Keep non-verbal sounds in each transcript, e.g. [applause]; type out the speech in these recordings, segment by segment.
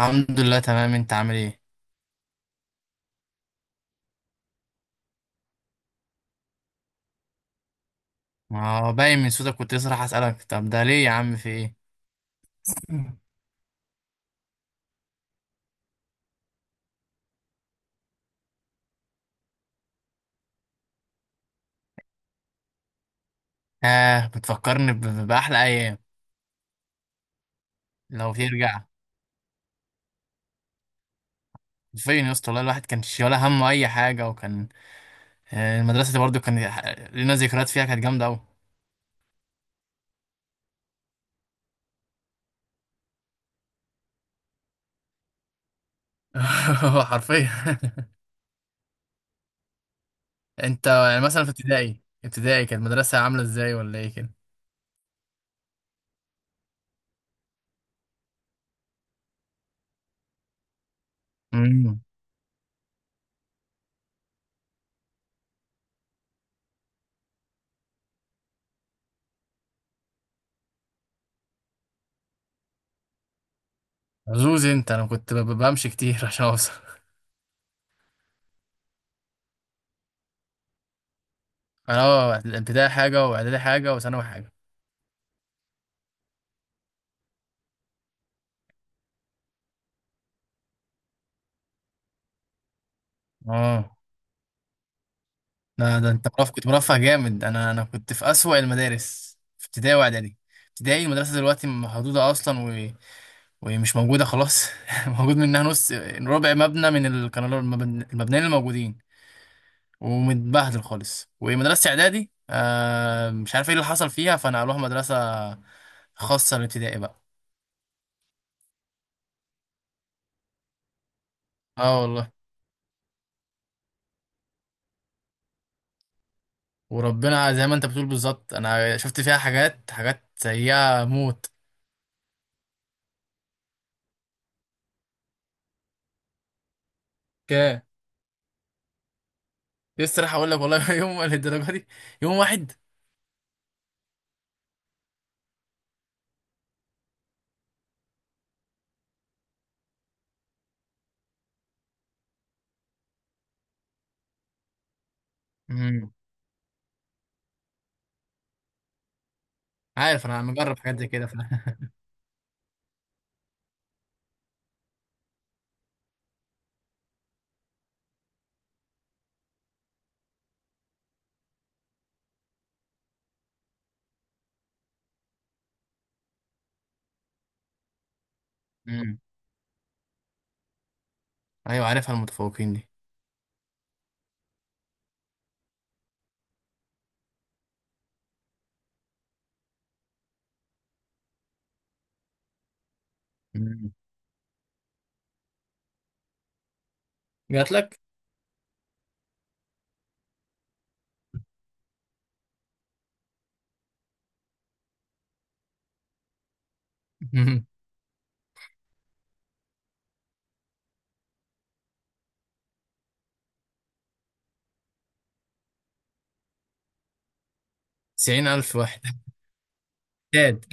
الحمد لله تمام، انت عامل ايه؟ ما هو باين من صوتك، كنت لسه راح اسالك طب ده ليه يا عم في ايه؟ اه بتفكرني باحلى ايام. لو ترجع فين يا اسطى؟ والله الواحد كان شي ولا همه اي حاجه. وكان المدرسه دي برضو كان لنا ذكريات فيها، كانت جامده قوي. [laughs] حرفيا. [laughs] انت يعني مثلا في ابتدائي كانت المدرسه عامله ازاي ولا ايه كده؟ امم. عزوز انت، انا كنت بمشي كتير [laughs] عشان اوصل. انا اه، الابتدائي حاجه واعدادي حاجه وثانوي حاجه. اه ده انت مرفه، كنت مرفه جامد. انا كنت في اسوأ المدارس في ابتدائي واعدادي. ابتدائي المدرسه دلوقتي محدوده اصلا، و... ومش موجوده خلاص [laughs] موجود منها نص ربع مبنى من كانوا المبنيين الموجودين، ومتبهدل خالص. ومدرسه اعدادي آه مش عارف ايه اللي حصل فيها، فنقلوها مدرسه خاصه للابتدائي بقى. اه والله. وربنا زي ما انت بتقول بالظبط، انا شفت فيها حاجات، حاجات سيئه موت. كام؟ لسه راح اقول لك والله [laughs] يوم الدرجه دي. يوم واحد. امم. عارف انا مجرب حاجات زي كده ف. [laughs] امم. ايوه عارفها المتفوقين دي. امم. جات لك. مم. تسعين الف واحد. تاد.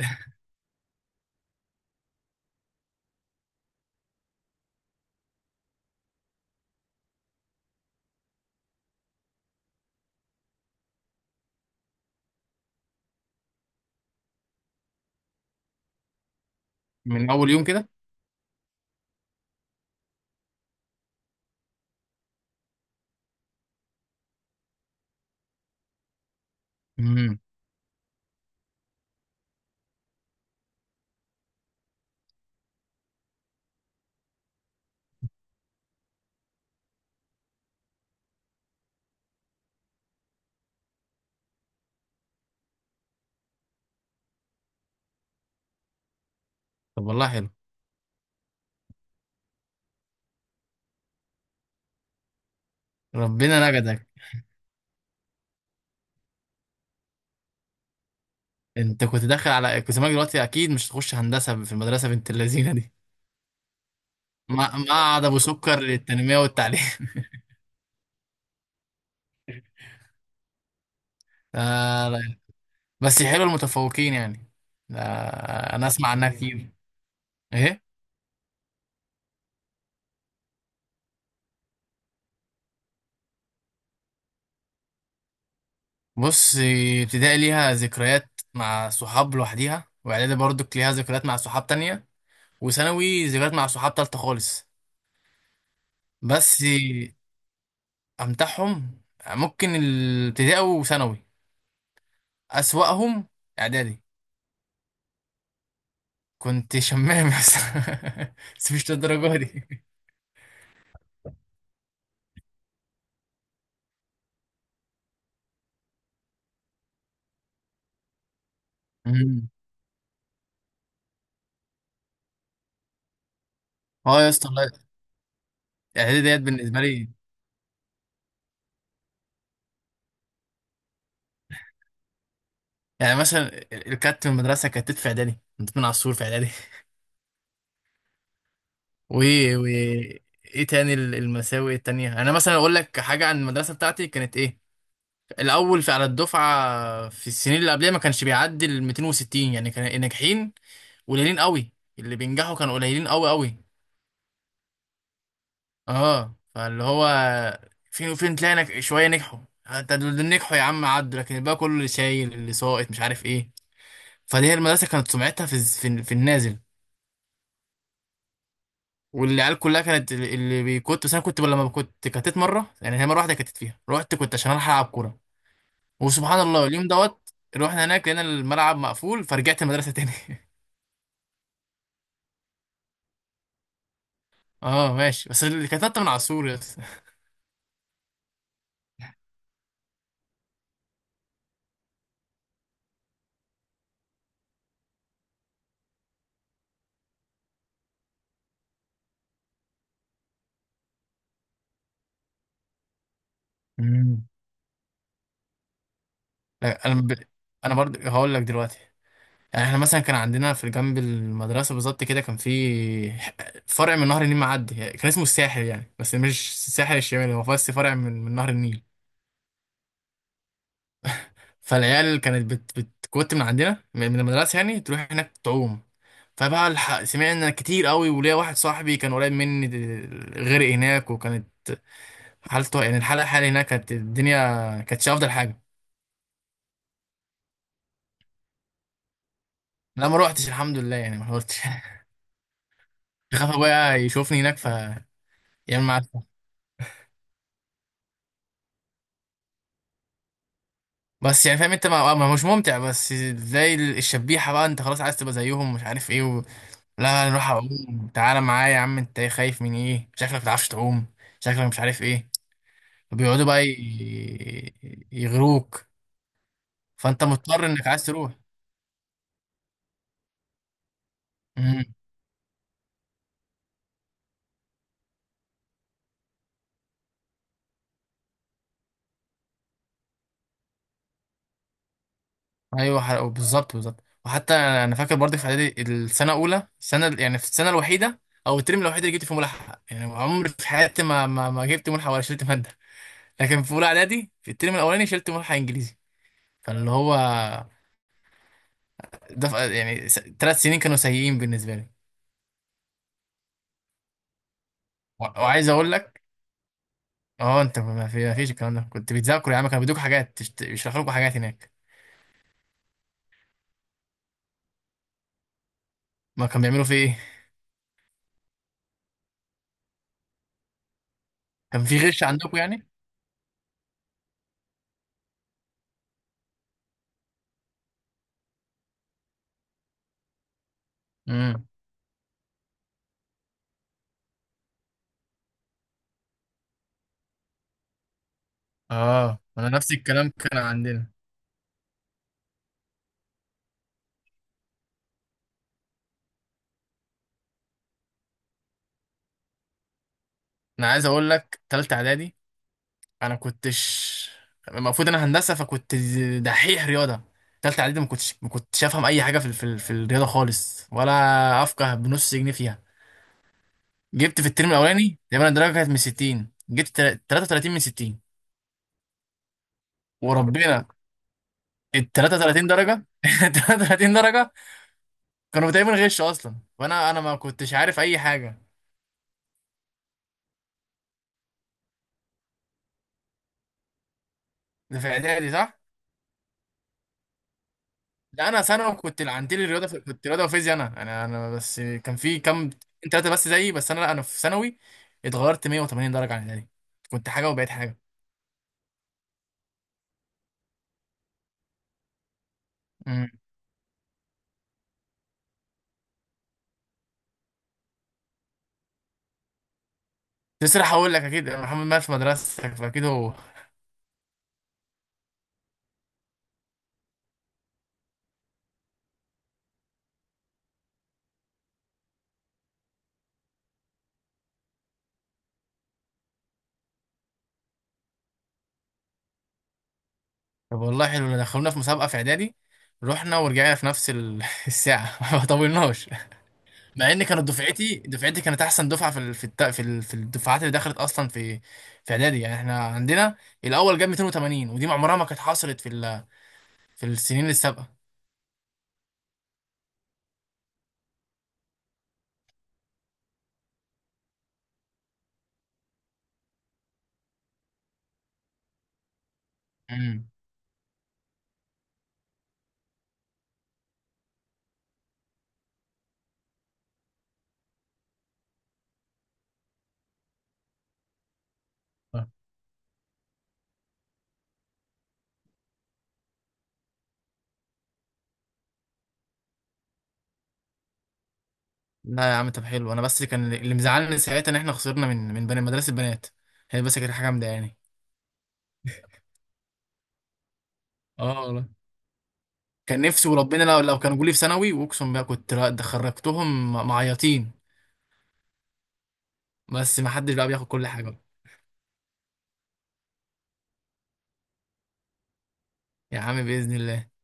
من اول يوم كده؟ امم. طب والله حلو. ربنا نجدك. انت كنت داخل على كنت زمانك دلوقتي اكيد مش تخش هندسه في المدرسه بنت اللذينه دي. معهد ابو سكر للتنميه والتعليم [laughs] آه لا. بس حلو المتفوقين يعني. آه انا اسمع عنها كتير. إيه؟ بص، ابتدائي ليها ذكريات مع صحاب لوحديها، واعدادي برضو ليها ذكريات مع صحاب تانية، وثانوي ذكريات مع صحاب تالتة خالص. بس امتعهم ممكن الابتدائي وثانوي. اسوأهم اعدادي. كنت شمام يا اسطى. [laughs] بس مش للدرجة دي. مم. اه يا اسطى والله. اعدادي ديت بالنسبة لي يعني مثلا الكات في المدرسة، كانت في اعدادي كنت من عصور في اعدادي. و و ايه تاني المساوئ التانية؟ انا مثلا اقول لك حاجة عن المدرسة بتاعتي كانت ايه. الاول في على الدفعة في السنين اللي قبلها ما كانش بيعدي ال 260، يعني كان الناجحين قليلين قوي. اللي بينجحوا كانوا قليلين قوي قوي. اه فاللي هو فين وفين تلاقي شوية نجحوا. حتى دول اللي نجحوا يا عم عدوا، لكن الباقي كله اللي شايل، اللي ساقط، مش عارف ايه. فدي هي المدرسة كانت سمعتها في النازل. والعيال كلها كانت اللي بيكت. بس انا كنت لما كنت كتت مره، يعني هي مره واحده كتت فيها، رحت كنت عشان اروح العب كوره. وسبحان الله اليوم دوت رحنا هناك لقينا الملعب مقفول، فرجعت المدرسه تاني. [laughs] اه ماشي، بس اللي كتت من على السور يس. مم. لا، انا ب. انا برضه هقول لك دلوقتي، يعني احنا مثلا كان عندنا في جنب المدرسه بالظبط كده كان في فرع من نهر النيل معدي، يعني كان اسمه الساحل يعني، بس مش الساحل الشمالي، هو بس فرع من نهر النيل. فالعيال كانت بتكوت من عندنا من المدرسة، يعني تروح هناك تعوم. فبقى سمعنا كتير قوي، وليا واحد صاحبي كان قريب مني غرق هناك، وكانت حالته يعني الحالة، الحالة هناك كانت الدنيا كانتش أفضل حاجة. لا ما روحتش الحمد لله، يعني ما روحتش [laughs] خاف أبويا يشوفني هناك ف يعمل معاك. بس يعني فاهم انت مش ممتع، بس زي الشبيحة بقى، انت خلاص عايز تبقى زيهم، مش عارف ايه و. لا نروح اعوم تعالى معايا يا عم، انت خايف من ايه؟ شكلك ما بتعرفش تعوم، شكلك مش عارف ايه. وبيقعدوا بقى يغروك. فانت مضطر انك عايز تروح. امم. ايوه بالظبط بالظبط. وحتى انا فاكر برضه في اعدادي السنه الاولى، السنه يعني في السنه الوحيده او الترم الوحيد اللي جبت فيه ملحق، يعني عمري في حياتي ما جبت ملحق ولا شلت ماده. لكن في اولى اعدادي في الترم الاولاني شلت ملحق انجليزي، فاللي هو ده يعني ثلاث سنين كانوا سيئين بالنسبه لي. وعايز اقول لك اه انت ما في ما فيش الكلام ده، كنت بتذاكر يا عم؟ كانوا بيدوك حاجات، يشرحوا لكم حاجات هناك؟ ما كانوا بيعملوا في ايه؟ كان في غش عندكم يعني؟ امم. اه انا نفس الكلام كان عندنا. انا عايز اقول لك تالتة اعدادي انا كنتش، المفروض انا هندسه فكنت دحيح رياضه. تالتة اعدادي ما كنتش افهم اي حاجه في الرياضه خالص، ولا افقه بنص جنيه فيها. جبت في الترم الاولاني تقريبا الدرجه كانت من 60، جبت 33 من 60 وربنا. ال 33 درجه [laughs] 33 درجه كانوا تقريبا غش اصلا، وانا ما كنتش عارف اي حاجه. ده في اعدادي صح؟ ده انا ثانوي كنت عندي لي رياضه في. كنت رياضه وفيزياء. انا بس كان في كام ثلاثه بس زيي، بس انا لا انا في ثانوي اتغيرت 180 درجه عن الاعدادي. كنت حاجه وبقيت حاجه. امم. تسرح هقول لك اكيد محمد مات في مدرستك، فاكيد هو. طب والله حلو، دخلونا في مسابقه في اعدادي، رحنا ورجعنا في نفس [laughs] الساعه [laughs] ما طولناش. مع ان كانت دفعتي كانت احسن دفعه في ال, في الت, في الدفعات اللي دخلت اصلا في في اعدادي. يعني احنا عندنا الاول جاب 280، ودي عمرها ما كانت حصلت في ال, في السنين السابقه. مم. آه. لا يا عم طب حلو، انا بس اللي كان اللي مزعلني ساعتها ان احنا خسرنا من بني مدرسه البنات. هي بس كانت حاجه مضايقاني. اه والله. كان نفسي وربنا لو لو كانوا جولي في ثانوي واقسم بقى كنت، لا ده خرجتهم معيطين. بس ما حدش بقى بياخد كل حاجه. يا عم باذن الله.